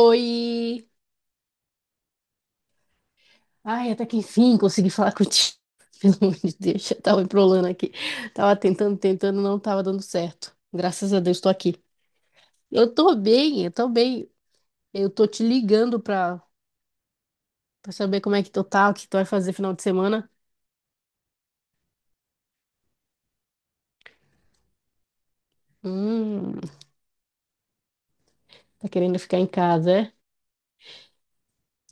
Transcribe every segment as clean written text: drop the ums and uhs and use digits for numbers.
Oi! Ai, até que enfim consegui falar contigo. Pelo amor de Deus, eu tava embrolando aqui. Tava tentando, tentando, não tava dando certo. Graças a Deus, tô aqui. Eu tô bem, eu tô bem. Eu tô te ligando pra saber como é que tu tá, o que tu vai fazer final de semana. Hum, tá querendo ficar em casa, é?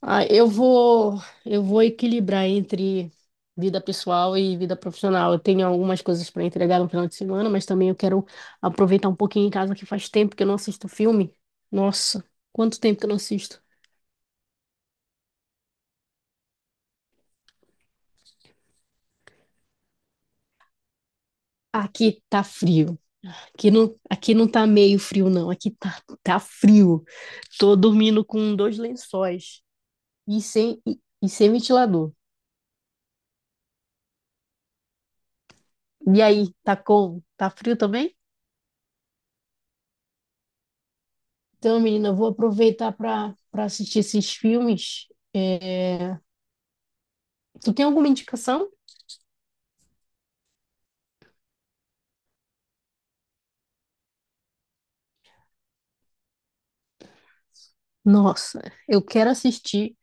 Ah, eu vou equilibrar entre vida pessoal e vida profissional. Eu tenho algumas coisas para entregar no final de semana, mas também eu quero aproveitar um pouquinho em casa que faz tempo que eu não assisto filme. Nossa, quanto tempo que eu não assisto? Aqui tá frio. Aqui não tá meio frio, não. Aqui tá frio. Tô dormindo com dois lençóis e sem ventilador. E aí, tá como? Tá frio também? Então, menina, eu vou aproveitar para assistir esses filmes. É, Tu tem alguma indicação? Nossa, eu quero assistir,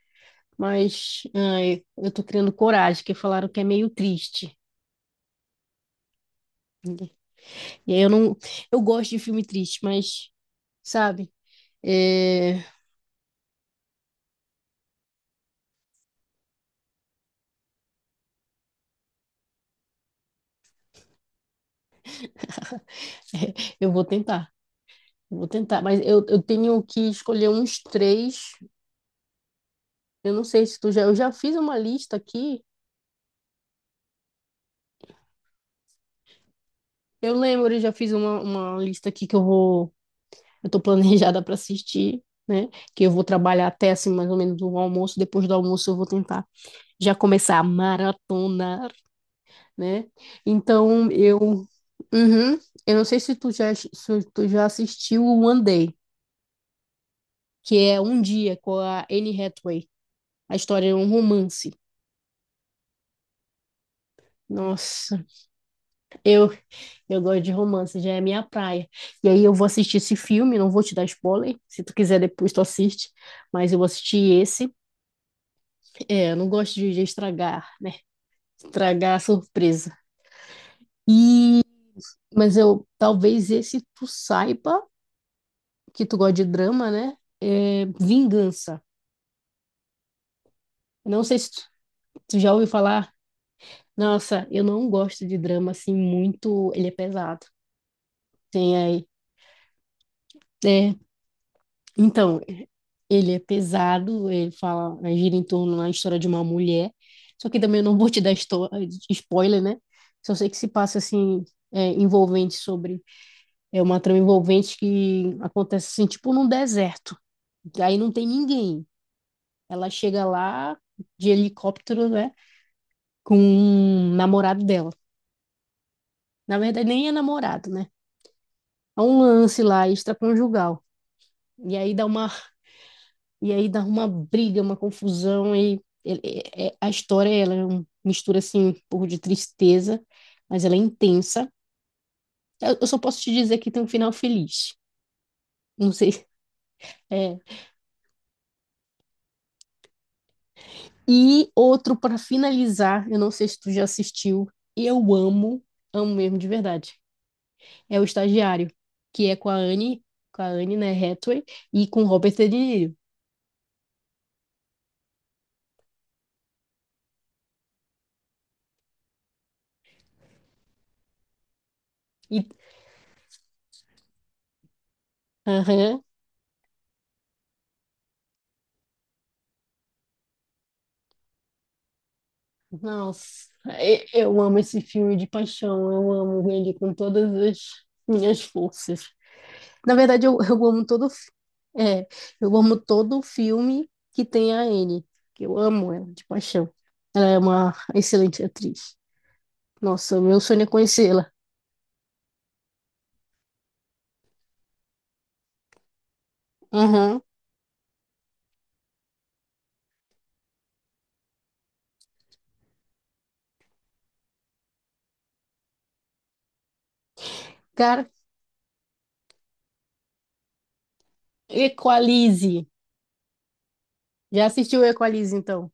mas ai, eu tô criando coragem, que falaram que é meio triste. E aí eu não, eu gosto de filme triste, mas sabe, é, eu vou tentar, eu vou tentar. Mas eu tenho que escolher uns três. Eu não sei se tu já, eu já fiz uma lista aqui. Eu lembro, eu já fiz uma lista aqui que eu estou planejada para assistir, né? Que eu vou trabalhar até assim, mais ou menos o almoço. Depois do almoço, eu vou tentar já começar a maratonar, né? Então, eu. Uhum. Eu não sei se tu já assistiu o One Day, que é Um Dia com a Anne Hathaway. A história é um romance. Nossa, eu eu gosto de romance, já é minha praia. E aí eu vou assistir esse filme, não vou te dar spoiler, se tu quiser depois tu assiste, mas eu vou assistir esse. Eu não gosto de estragar, né? Estragar a surpresa. E, mas eu, talvez esse tu saiba, que tu gosta de drama, né? É Vingança. Não sei se tu já ouviu falar. Nossa, eu não gosto de drama assim muito. Ele é pesado. Tem aí. É, então, ele é pesado, ele fala, gira em torno da história de uma mulher. Só que também eu não vou te dar spoiler, né? Só sei que se passa assim, é, envolvente sobre É uma trama envolvente que acontece assim, tipo num deserto. Aí não tem ninguém. Ela chega lá de helicóptero, né? Com um namorado dela. Na verdade, nem é namorado, né? Há um lance lá extraconjugal. E aí dá uma briga, uma confusão. A história ela mistura assim, um pouco de tristeza, mas ela é intensa. Eu só posso te dizer que tem um final feliz. Não sei. É, E outro para finalizar, eu não sei se tu já assistiu, eu amo, amo mesmo de verdade. É o Estagiário, que é com a Anne, né, Hathaway, e com Robert De Niro. E, aham, nossa, eu amo esse filme de paixão, eu amo ele com todas as minhas forças. Na verdade, eu amo todo, é, eu amo todo filme que tem a Anne, que eu amo ela de paixão. Ela é uma excelente atriz. Nossa, meu sonho é conhecê-la. Aham. Cara, Equalize. Já assistiu Equalize, então?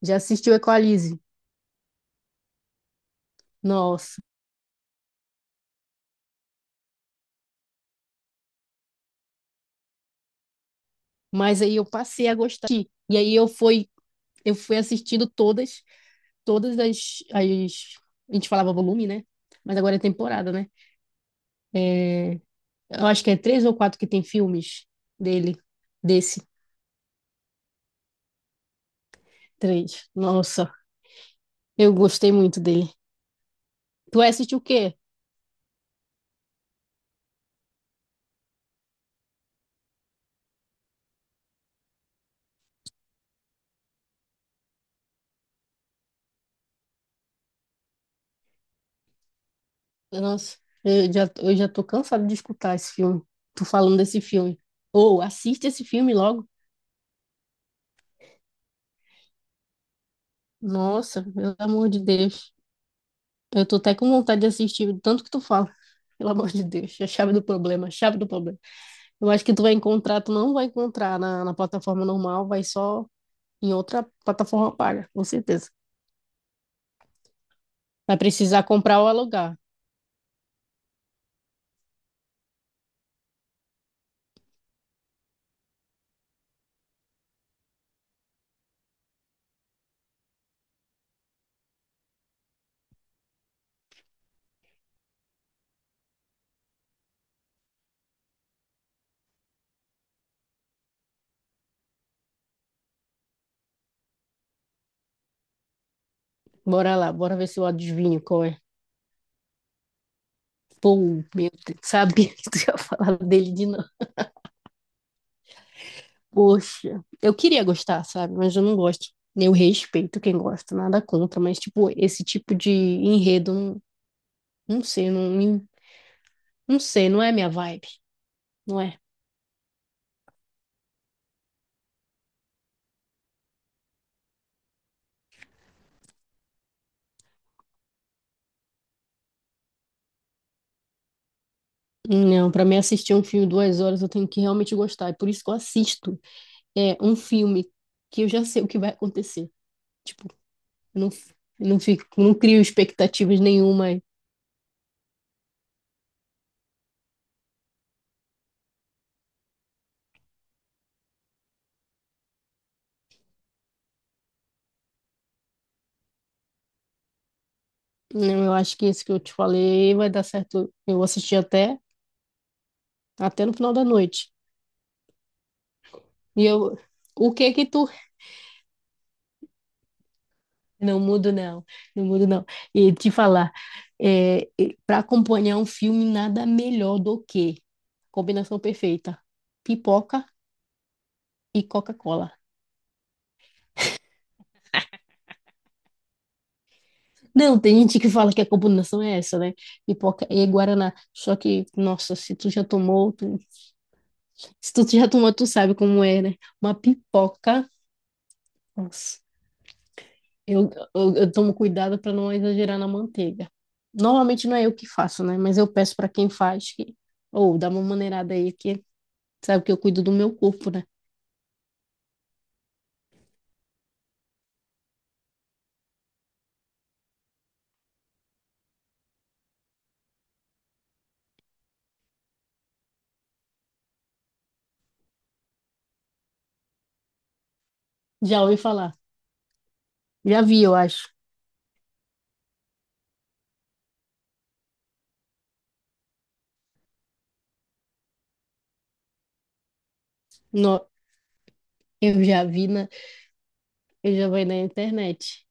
Já assistiu Equalize? Nossa. Mas aí eu passei a gostar. E aí eu fui assistindo todas as— a gente falava volume, né? Mas agora é temporada, né? É, eu acho que é três ou quatro que tem filmes dele, desse. Três. Nossa, eu gostei muito dele. Tu vai assistir o quê? Nossa, eu já tô cansada de escutar esse filme. Tu falando desse filme. Ou assiste esse filme logo. Nossa, pelo amor de Deus. Eu tô até com vontade de assistir, de tanto que tu fala. Pelo amor de Deus, a chave do problema, a chave do problema. Eu acho que tu vai encontrar, tu não vai encontrar na plataforma normal, vai só em outra plataforma paga, com certeza. Vai precisar comprar ou alugar. Bora lá, bora ver se eu adivinho qual é. Pô, meu Deus, sabia que tu ia falar dele de novo. Poxa, eu queria gostar, sabe? Mas eu não gosto. Eu respeito quem gosta, nada contra, mas, tipo, esse tipo de enredo, não, não sei, não, não sei, não é minha vibe, não é? Não, pra mim assistir um filme 2 horas eu tenho que realmente gostar, é por isso que eu assisto um filme que eu já sei o que vai acontecer. Tipo, eu não, f- eu não fico, não crio expectativas nenhuma. Não, eu acho que esse que eu te falei vai dar certo. Eu assisti até no final da noite. E eu, o que que tu— Não mudo, não. Não mudo, não. E te falar, é, para acompanhar um filme, nada melhor do que combinação perfeita: pipoca e Coca-Cola. Não, tem gente que fala que a combinação é essa, né? Pipoca e Guaraná. Só que, nossa, se tu já tomou, tu- se tu já tomou, tu sabe como é, né? Uma pipoca, nossa, Eu tomo cuidado para não exagerar na manteiga. Normalmente não é eu que faço, né? Mas eu peço para quem faz que, ou dá uma maneirada aí que sabe que eu cuido do meu corpo, né? Já ouvi falar. Já vi, eu acho. No, eu já vi na, eu já vi na internet.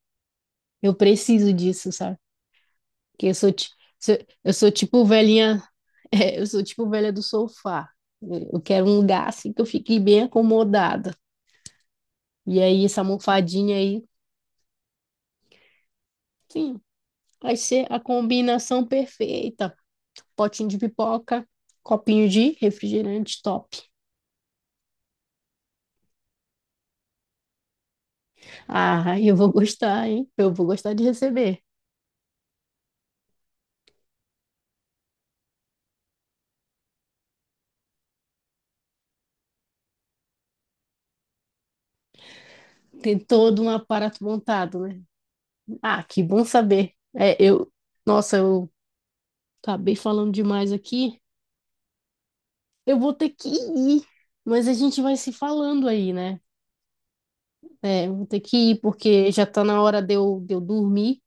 Eu preciso disso, sabe? Porque sou- eu sou tipo velhinha, eu sou tipo velha do sofá. Eu quero um lugar assim que eu fique bem acomodada. E aí essa almofadinha aí, sim, vai ser a combinação perfeita. Potinho de pipoca, copinho de refrigerante top. Ah, eu vou gostar, hein? Eu vou gostar de receber. Tem todo um aparato montado, né? Ah, que bom saber. Nossa, eu acabei falando demais aqui. Eu vou ter que ir, mas a gente vai se falando aí, né? Eu vou ter que ir porque já tá na hora de eu dormir.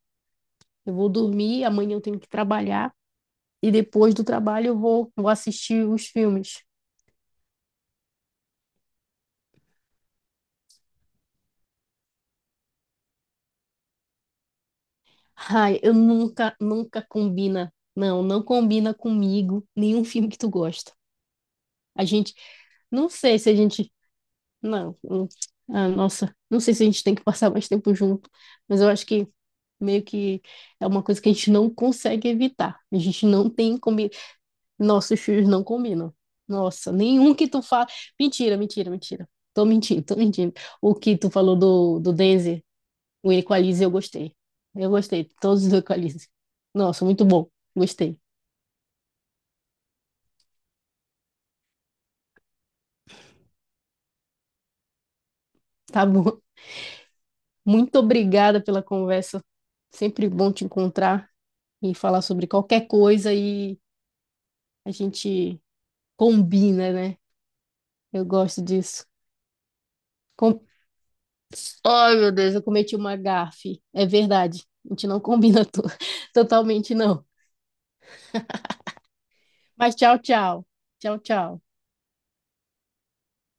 Eu vou dormir, amanhã eu tenho que trabalhar e depois do trabalho eu vou assistir os filmes. Ai, eu nunca, nunca combina. Não, não combina comigo nenhum filme que tu gosta. A gente, não sei se a gente, não, ah, nossa, não sei se a gente tem que passar mais tempo junto, mas eu acho que meio que é uma coisa que a gente não consegue evitar. A gente não tem combi— Nossos filmes não combinam. Nossa, nenhum que tu fala. Mentira, mentira, mentira. Tô mentindo, tô mentindo. O que tu falou do Denzel, o Equalize eu gostei. Eu gostei. Todos do Equalize. Nossa, muito bom. Gostei. Tá bom. Muito obrigada pela conversa. Sempre bom te encontrar e falar sobre qualquer coisa e a gente combina, né? Eu gosto disso. Com— Ai, meu Deus, eu cometi uma gafe. É verdade. A gente não combina totalmente, não. Mas tchau, tchau. Tchau, tchau.